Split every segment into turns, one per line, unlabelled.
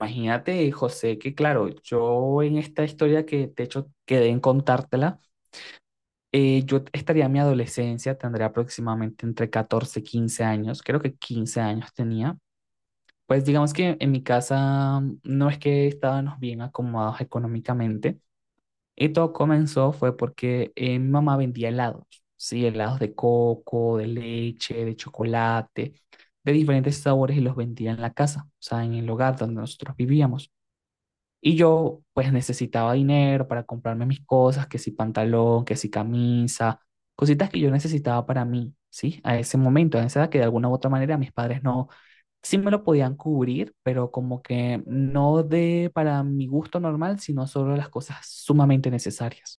Imagínate, José, que claro, yo en esta historia que de hecho quedé en contártela, yo estaría en mi adolescencia, tendría aproximadamente entre 14 y 15 años, creo que 15 años tenía. Pues digamos que en mi casa no es que estábamos bien acomodados económicamente, y todo comenzó fue porque mi mamá vendía helados, sí, helados de coco, de leche, de chocolate, de diferentes sabores y los vendía en la casa, o sea, en el hogar donde nosotros vivíamos. Y yo pues necesitaba dinero para comprarme mis cosas, que si pantalón, que si camisa, cositas que yo necesitaba para mí, ¿sí? A ese momento, a esa edad que de alguna u otra manera mis padres no, sí me lo podían cubrir, pero como que no de para mi gusto normal, sino solo las cosas sumamente necesarias.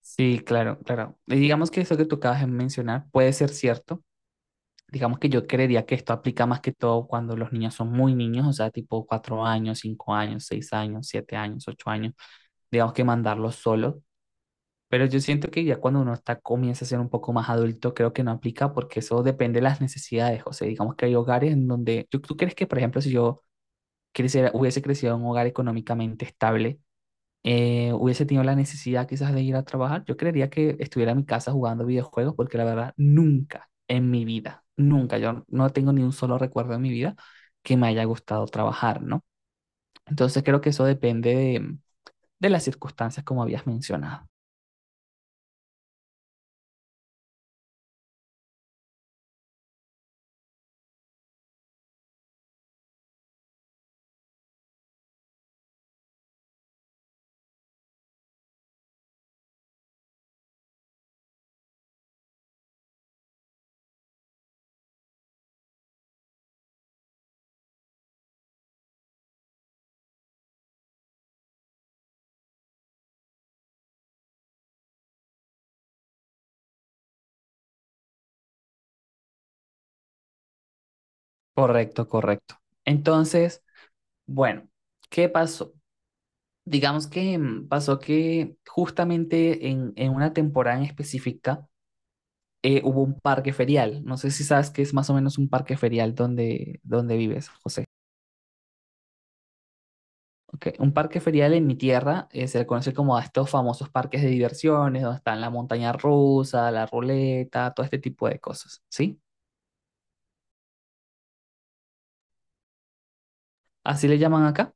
Sí, claro, claro. Y digamos que eso que tú acabas de mencionar puede ser cierto. Digamos que yo creería que esto aplica más que todo cuando los niños son muy niños, o sea, tipo 4 años, 5 años, 6 años, 7 años, 8 años, digamos que mandarlos solo. Pero yo siento que ya cuando uno está, comienza a ser un poco más adulto, creo que no aplica porque eso depende de las necesidades. O sea, digamos que hay hogares en donde, ¿tú crees que, por ejemplo, si yo hubiese crecido en un hogar económicamente estable, hubiese tenido la necesidad quizás de ir a trabajar? Yo creería que estuviera en mi casa jugando videojuegos porque la verdad, nunca en mi vida, nunca, yo no tengo ni un solo recuerdo en mi vida que me haya gustado trabajar, ¿no? Entonces creo que eso depende de las circunstancias como habías mencionado. Correcto, correcto. Entonces, bueno, ¿qué pasó? Digamos que pasó que justamente en una temporada en específica hubo un parque ferial. No sé si sabes qué es más o menos un parque ferial donde vives, José. Ok, un parque ferial en mi tierra se le conoce como a estos famosos parques de diversiones, donde están la montaña rusa, la ruleta, todo este tipo de cosas, ¿sí? Así le llaman acá,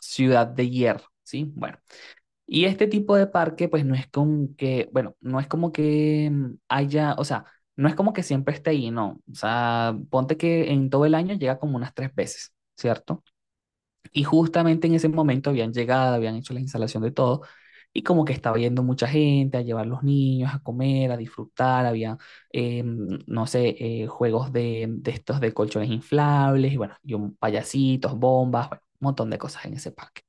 Ciudad de Hierro, ¿sí? Bueno. Y este tipo de parque, pues no es como que, bueno, no es como que haya, o sea, no es como que siempre esté ahí, no. O sea, ponte que en todo el año llega como unas tres veces, ¿cierto? Y justamente en ese momento habían llegado, habían hecho la instalación de todo, y como que estaba yendo mucha gente a llevar los niños a comer, a disfrutar, había, no sé, juegos de estos de colchones inflables, y bueno, y payasitos, bombas, bueno, un montón de cosas en ese parque.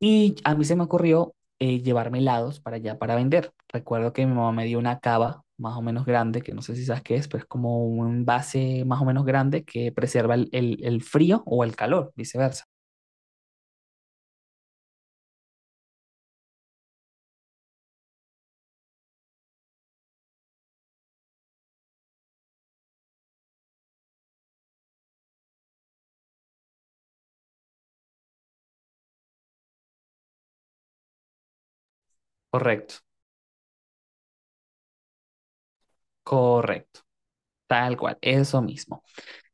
Y a mí se me ocurrió llevarme helados para allá para vender. Recuerdo que mi mamá me dio una cava más o menos grande, que no sé si sabes qué es, pero es como un envase más o menos grande que preserva el frío o el calor, viceversa. Correcto, correcto, tal cual, eso mismo.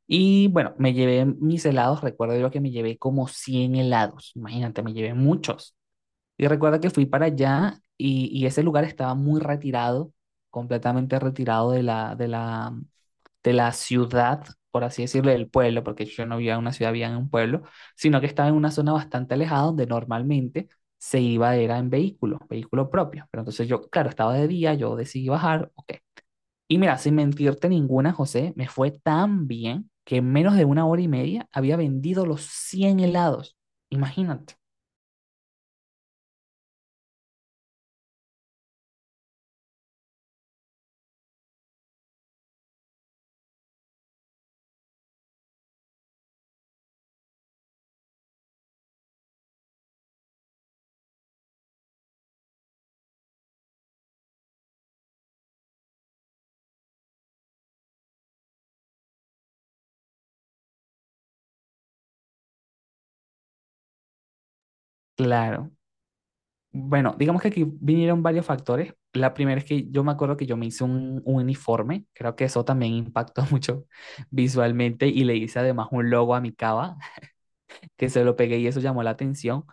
Y bueno, me llevé mis helados, recuerdo yo que me llevé como 100 helados, imagínate, me llevé muchos. Y recuerdo que fui para allá y ese lugar estaba muy retirado, completamente retirado de la ciudad, por así decirlo, del pueblo, porque yo no vivía en una ciudad, vivía en un pueblo, sino que estaba en una zona bastante alejada donde normalmente se iba era en vehículo, vehículo propio. Pero entonces yo, claro, estaba de día, yo decidí bajar, ok. Y mira, sin mentirte ninguna, José, me fue tan bien que en menos de una hora y media había vendido los 100 helados. Imagínate. Claro, bueno, digamos que aquí vinieron varios factores. La primera es que yo me acuerdo que yo me hice un uniforme, creo que eso también impactó mucho visualmente y le hice además un logo a mi cava, que se lo pegué y eso llamó la atención.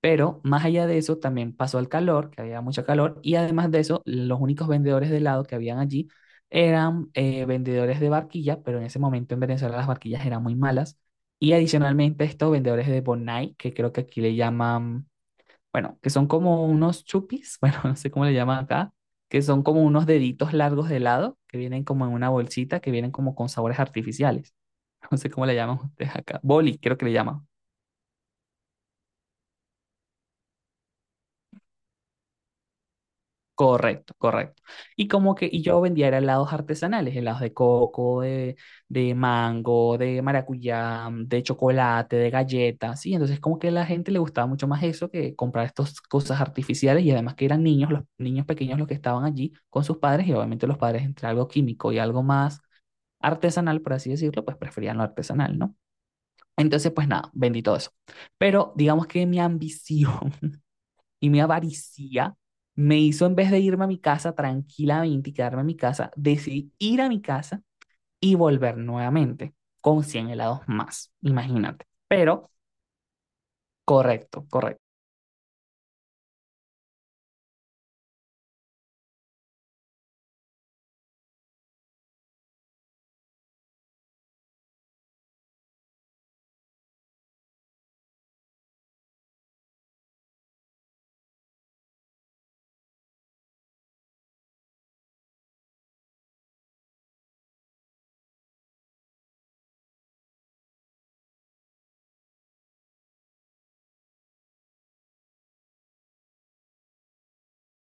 Pero más allá de eso, también pasó el calor, que había mucho calor, y además de eso, los únicos vendedores de helado que habían allí eran vendedores de barquilla, pero en ese momento en Venezuela las barquillas eran muy malas. Y adicionalmente estos vendedores de Bonai, que creo que aquí le llaman bueno, que son como unos chupis, bueno, no sé cómo le llaman acá, que son como unos deditos largos de helado que vienen como en una bolsita, que vienen como con sabores artificiales. No sé cómo le llaman ustedes acá. Boli, creo que le llaman. Correcto, correcto. Y como que y yo vendía era helados artesanales, helados de coco, de mango, de maracuyá, de chocolate, de galletas, ¿sí? Entonces como que a la gente le gustaba mucho más eso que comprar estas cosas artificiales y además que eran niños, los niños pequeños los que estaban allí con sus padres y obviamente los padres entre algo químico y algo más artesanal, por así decirlo, pues preferían lo artesanal, ¿no? Entonces, pues nada, vendí todo eso. Pero digamos que mi ambición y mi avaricia me hizo, en vez de irme a mi casa tranquilamente y quedarme en mi casa, decidí ir a mi casa y volver nuevamente con 100 helados más, imagínate. Pero, correcto, correcto.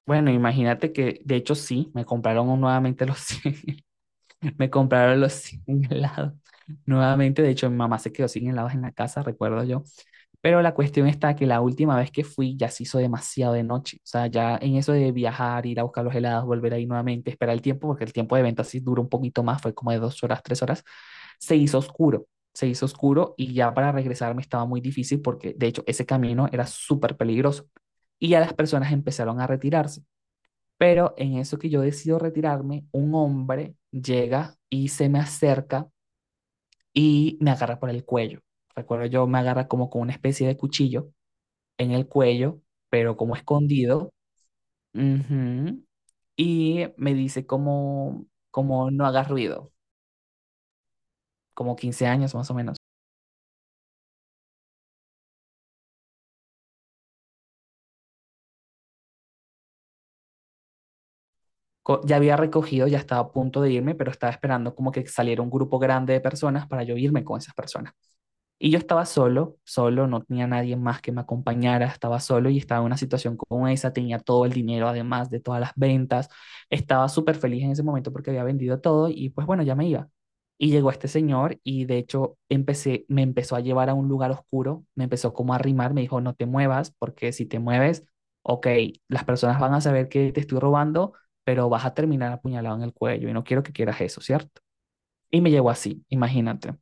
Bueno, imagínate que, de hecho, sí, me compraron nuevamente los 100, me compraron los 100 helados. Nuevamente, de hecho, mi mamá se quedó sin helados en la casa, recuerdo yo. Pero la cuestión está que la última vez que fui ya se hizo demasiado de noche. O sea, ya en eso de viajar, ir a buscar los helados, volver ahí nuevamente, esperar el tiempo, porque el tiempo de venta sí duró un poquito más, fue como de 2 horas, 3 horas, se hizo oscuro. Se hizo oscuro y ya para regresarme estaba muy difícil porque de hecho ese camino era súper peligroso. Y ya las personas empezaron a retirarse. Pero en eso que yo decido retirarme, un hombre llega y se me acerca y me agarra por el cuello. Recuerdo yo, me agarra como con una especie de cuchillo en el cuello, pero como escondido. Ujú. Y me dice como, como no hagas ruido, como 15 años más o menos. Ya había recogido, ya estaba a punto de irme, pero estaba esperando como que saliera un grupo grande de personas para yo irme con esas personas. Y yo estaba solo, solo, no tenía nadie más que me acompañara, estaba solo y estaba en una situación como esa, tenía todo el dinero además de todas las ventas, estaba súper feliz en ese momento porque había vendido todo y pues bueno, ya me iba. Y llegó este señor y de hecho empecé, me empezó a llevar a un lugar oscuro, me empezó como a arrimar, me dijo, no te muevas porque si te mueves, ok, las personas van a saber que te estoy robando, pero vas a terminar apuñalado en el cuello y no quiero que quieras eso, ¿cierto? Y me llevó así, imagínate.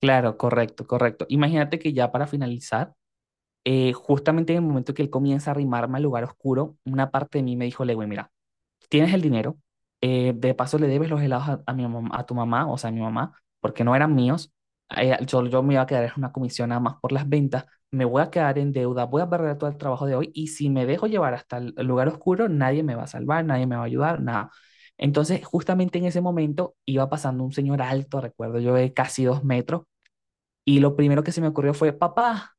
Claro, correcto, correcto. Imagínate que ya para finalizar, justamente en el momento que él comienza a arrimarme al lugar oscuro, una parte de mí me dijo, Lewin, mira, tienes el dinero, de paso le debes los helados a tu mamá, o sea, a mi mamá, porque no eran míos, yo me iba a quedar en una comisión nada más por las ventas, me voy a quedar en deuda, voy a perder todo el trabajo de hoy y si me dejo llevar hasta el lugar oscuro, nadie me va a salvar, nadie me va a ayudar, nada. Entonces, justamente en ese momento iba pasando un señor alto, recuerdo yo, de casi 2 metros y lo primero que se me ocurrió fue, papá,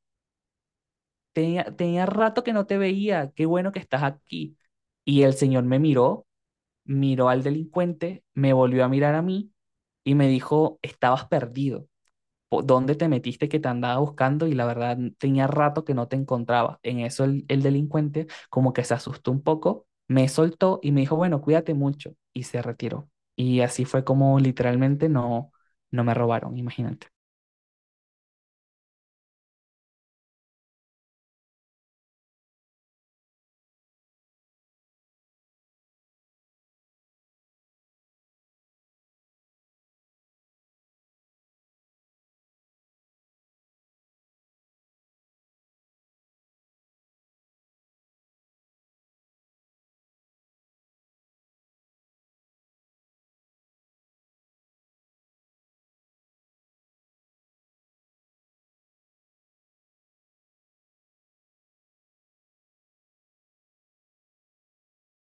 tenía rato que no te veía, qué bueno que estás aquí. Y el señor me miró, miró al delincuente, me volvió a mirar a mí y me dijo, estabas perdido, ¿Dónde te metiste que te andaba buscando? Y la verdad, tenía rato que no te encontraba. En eso el delincuente como que se asustó un poco, me soltó y me dijo, bueno, cuídate mucho. Y se retiró. Y así fue como literalmente no, no me robaron, imagínate.